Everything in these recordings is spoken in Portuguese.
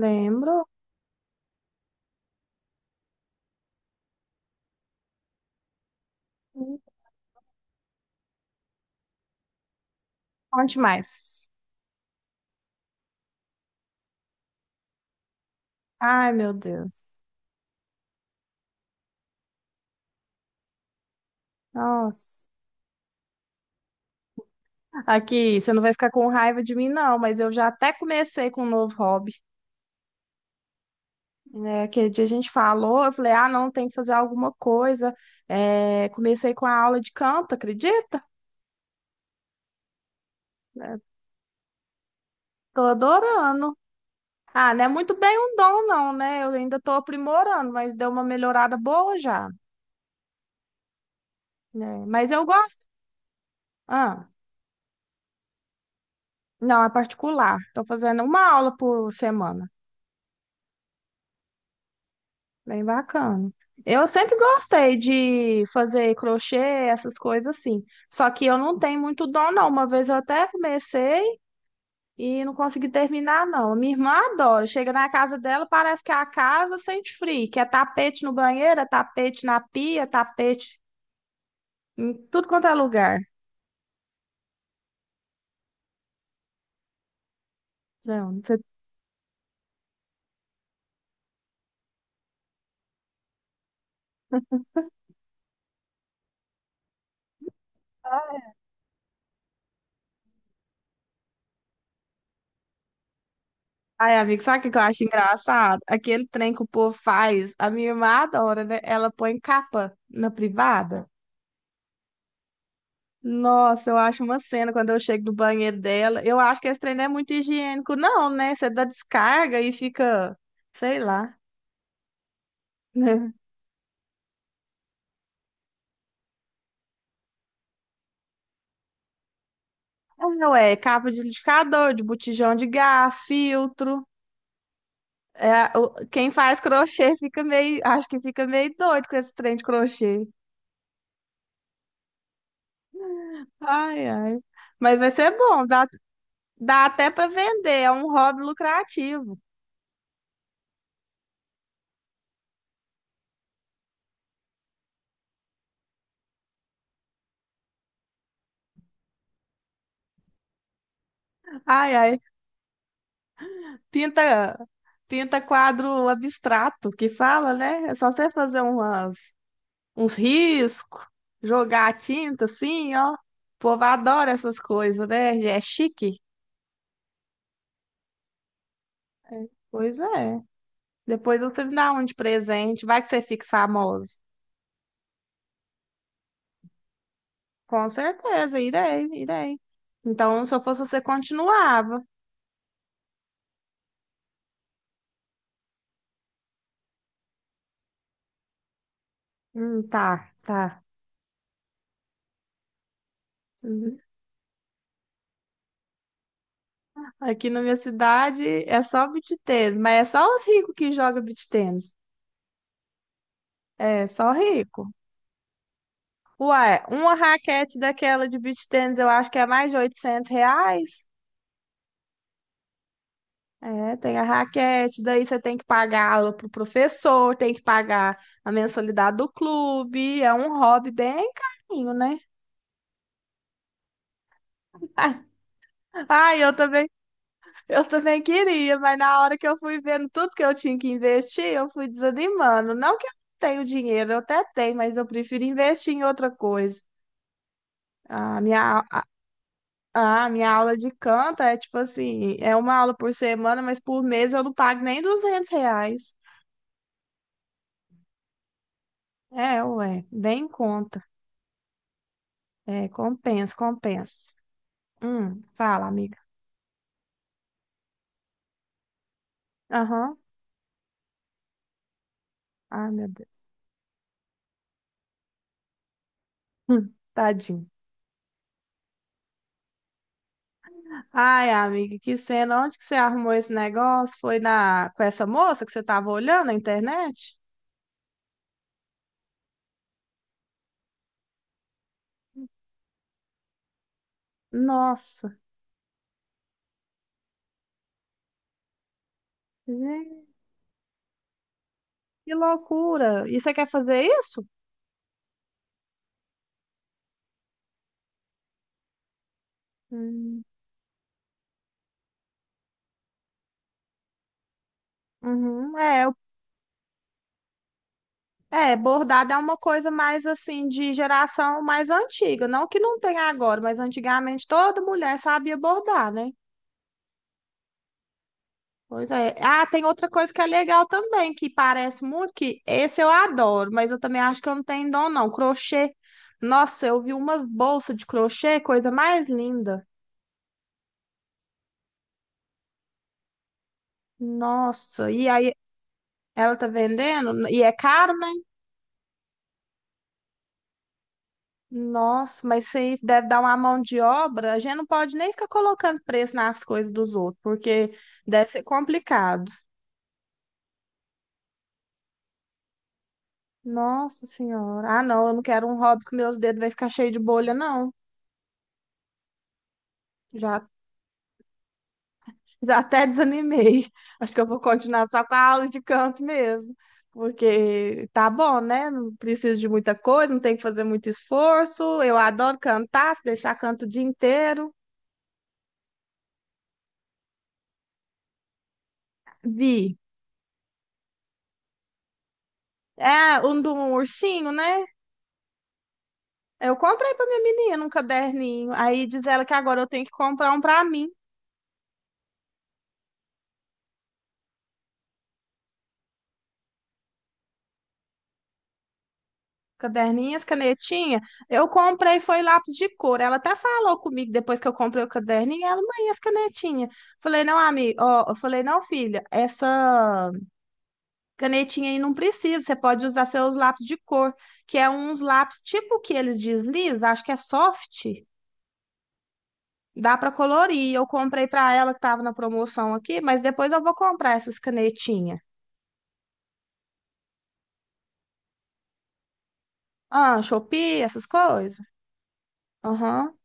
Lembro. Onde mais? Ai, meu Deus. Nossa. Aqui, você não vai ficar com raiva de mim, não, mas eu já até comecei com um novo hobby. É, aquele dia a gente falou, eu falei, não, tem que fazer alguma coisa. Comecei com a aula de canto, acredita? É, tô adorando. Ah, não é muito bem um dom, não, né? Eu ainda tô aprimorando, mas deu uma melhorada boa já. Né? Mas eu gosto. Ah, não, é particular. Tô fazendo uma aula por semana. Bem bacana. Eu sempre gostei de fazer crochê, essas coisas assim. Só que eu não tenho muito dom, não. Uma vez eu até comecei e não consegui terminar, não. Minha irmã adora. Chega na casa dela, parece que a casa sente frio, que é tapete no banheiro, é tapete na pia, tapete em tudo quanto é lugar. Não, você tá- Ai, amigo, sabe o que que eu acho engraçado? Aquele trem que o povo faz, a minha irmã adora, né? Ela põe capa na privada. Nossa, eu acho uma cena quando eu chego do banheiro dela. Eu acho que esse trem não é muito higiênico, não, né? Você dá descarga e fica, sei lá. Não é, capa de liquidificador, de botijão de gás, filtro. É, quem faz crochê fica meio, acho que fica meio doido com esse trem de crochê. Ai, ai. Mas vai ser bom, dá até para vender, é um hobby lucrativo. Ai, ai. Pinta, pinta quadro abstrato, que fala, né? É só você fazer umas uns riscos, jogar a tinta assim, ó. O povo adora essas coisas, né? É chique. Pois é. Depois você me dá um de presente. Vai que você fique famoso. Com certeza, irei, irei. Então, se eu fosse você, continuava. Tá, tá. Uhum. Aqui na minha cidade é só beach tênis, mas é só os ricos que jogam beach tênis. É, só rico. Ué, uma raquete daquela de beach tênis eu acho que é mais de R$ 800. É, tem a raquete, daí você tem que pagar aula pro professor, tem que pagar a mensalidade do clube, é um hobby bem carinho, né? Ai, eu também queria, mas na hora que eu fui vendo tudo que eu tinha que investir, eu fui desanimando. Não que eu não tenho dinheiro, eu até tenho, mas eu prefiro investir em outra coisa. A minha, au- a minha aula de canto é tipo assim, é uma aula por semana, mas por mês eu não pago nem R$ 200. É, ué, bem em conta. É, compensa, compensa. Fala, amiga. Aham. Ai, meu Deus. Tadinho. Ai, amiga, que cena. Onde que você arrumou esse negócio? Foi na com essa moça que você tava olhando na internet? Nossa, gente, que loucura. E você quer fazer isso? Hum, uhum, é, bordado é uma coisa mais assim de geração mais antiga. Não que não tenha agora, mas antigamente toda mulher sabia bordar, né? Pois é. Ah, tem outra coisa que é legal também, que parece muito, que esse eu adoro, mas eu também acho que eu não tenho dom, não. Crochê. Nossa, eu vi umas bolsas de crochê, coisa mais linda. Nossa, e aí ela tá vendendo, e é caro, né? Nossa, mas isso aí deve dar uma mão de obra. A gente não pode nem ficar colocando preço nas coisas dos outros, porque deve ser complicado. Nossa senhora. Ah, não, eu não quero um hobby que meus dedos vai ficar cheio de bolha, não. Já Já até desanimei. Acho que eu vou continuar só com a aula de canto mesmo. Porque tá bom, né? Não preciso de muita coisa, não tem que fazer muito esforço. Eu adoro cantar, se deixar canto o dia inteiro. Vi. É, um do ursinho, né? Eu comprei pra minha menina um caderninho. Aí diz ela que agora eu tenho que comprar um pra mim. Caderninhas, canetinha. Eu comprei, foi lápis de cor. Ela até falou comigo depois que eu comprei o caderninho. Ela, mãe, as canetinhas. Falei, não, amiga. Ó, eu falei, não, filha, essa canetinha aí não precisa. Você pode usar seus lápis de cor, que é uns lápis tipo que eles deslizam, acho que é soft. Dá para colorir. Eu comprei para ela que tava na promoção aqui, mas depois eu vou comprar essas canetinhas. Ah, Shopee, essas coisas. Aham.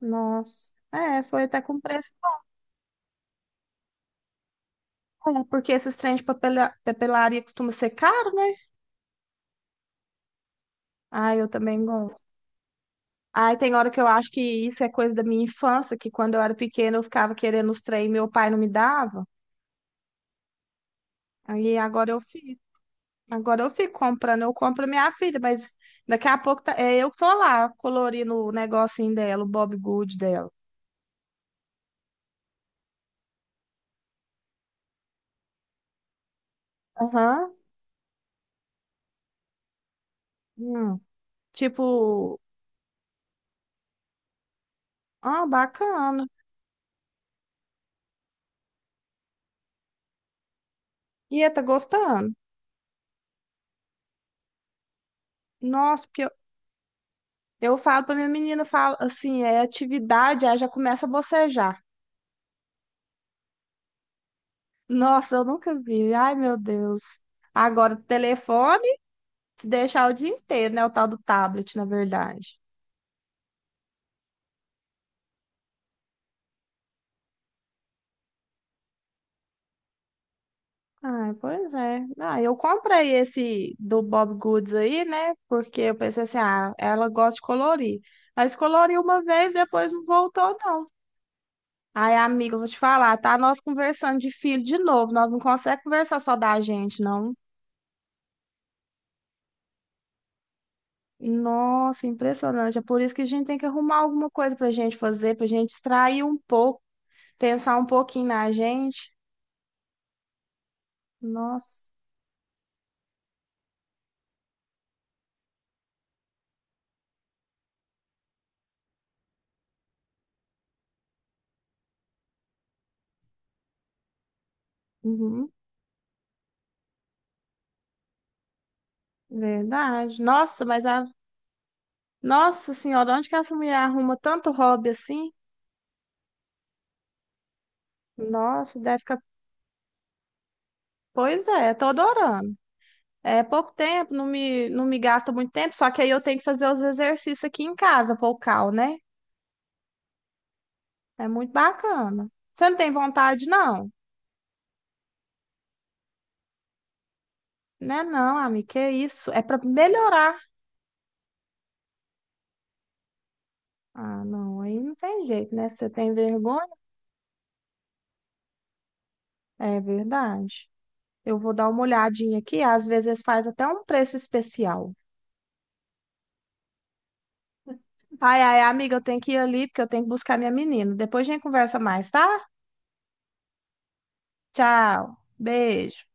Nossa. É, foi até com preço. É, porque esses trem de papelaria costuma ser caro, né? Ai, eu também gosto. Ai, tem hora que eu acho que isso é coisa da minha infância, que quando eu era pequena eu ficava querendo os trem e meu pai não me dava. Aí agora eu fico. Agora eu fico comprando, eu compro a minha filha, mas daqui a pouco é eu que tô lá colorindo o negocinho dela, o Bob Good dela. Aham. Hum. Tipo, ah, bacana. E é, tá gostando? Nossa, porque eu falo pra minha menina, eu falo assim, é atividade, aí já começa a bocejar. Nossa, eu nunca vi. Ai, meu Deus. Agora, telefone, se deixar o dia inteiro, né? O tal do tablet, na verdade. Ah, pois é. Ah, eu comprei esse do Bob Goods aí, né? Porque eu pensei assim, ah, ela gosta de colorir. Mas coloriu uma vez, depois não voltou, não. Aí, amiga, eu vou te falar, tá? Nós conversando de filho de novo. Nós não conseguimos conversar só da gente, não. Nossa, impressionante. É por isso que a gente tem que arrumar alguma coisa pra gente fazer, pra gente distrair um pouco. Pensar um pouquinho na gente. Nossa, uhum, verdade. Nossa, mas a. Nossa senhora, onde que essa mulher arruma tanto hobby assim? Nossa, deve ficar. Pois é, tô adorando. É pouco tempo, não me gasta muito tempo, só que aí eu tenho que fazer os exercícios aqui em casa, vocal, né? É muito bacana. Você não tem vontade, não? Né, não, amiga, que isso? É pra melhorar. Ah, não, aí não tem jeito, né? Você tem vergonha? É verdade. Eu vou dar uma olhadinha aqui. Às vezes faz até um preço especial. Ai, ai, amiga, eu tenho que ir ali porque eu tenho que buscar minha menina. Depois a gente conversa mais, tá? Tchau. Beijo.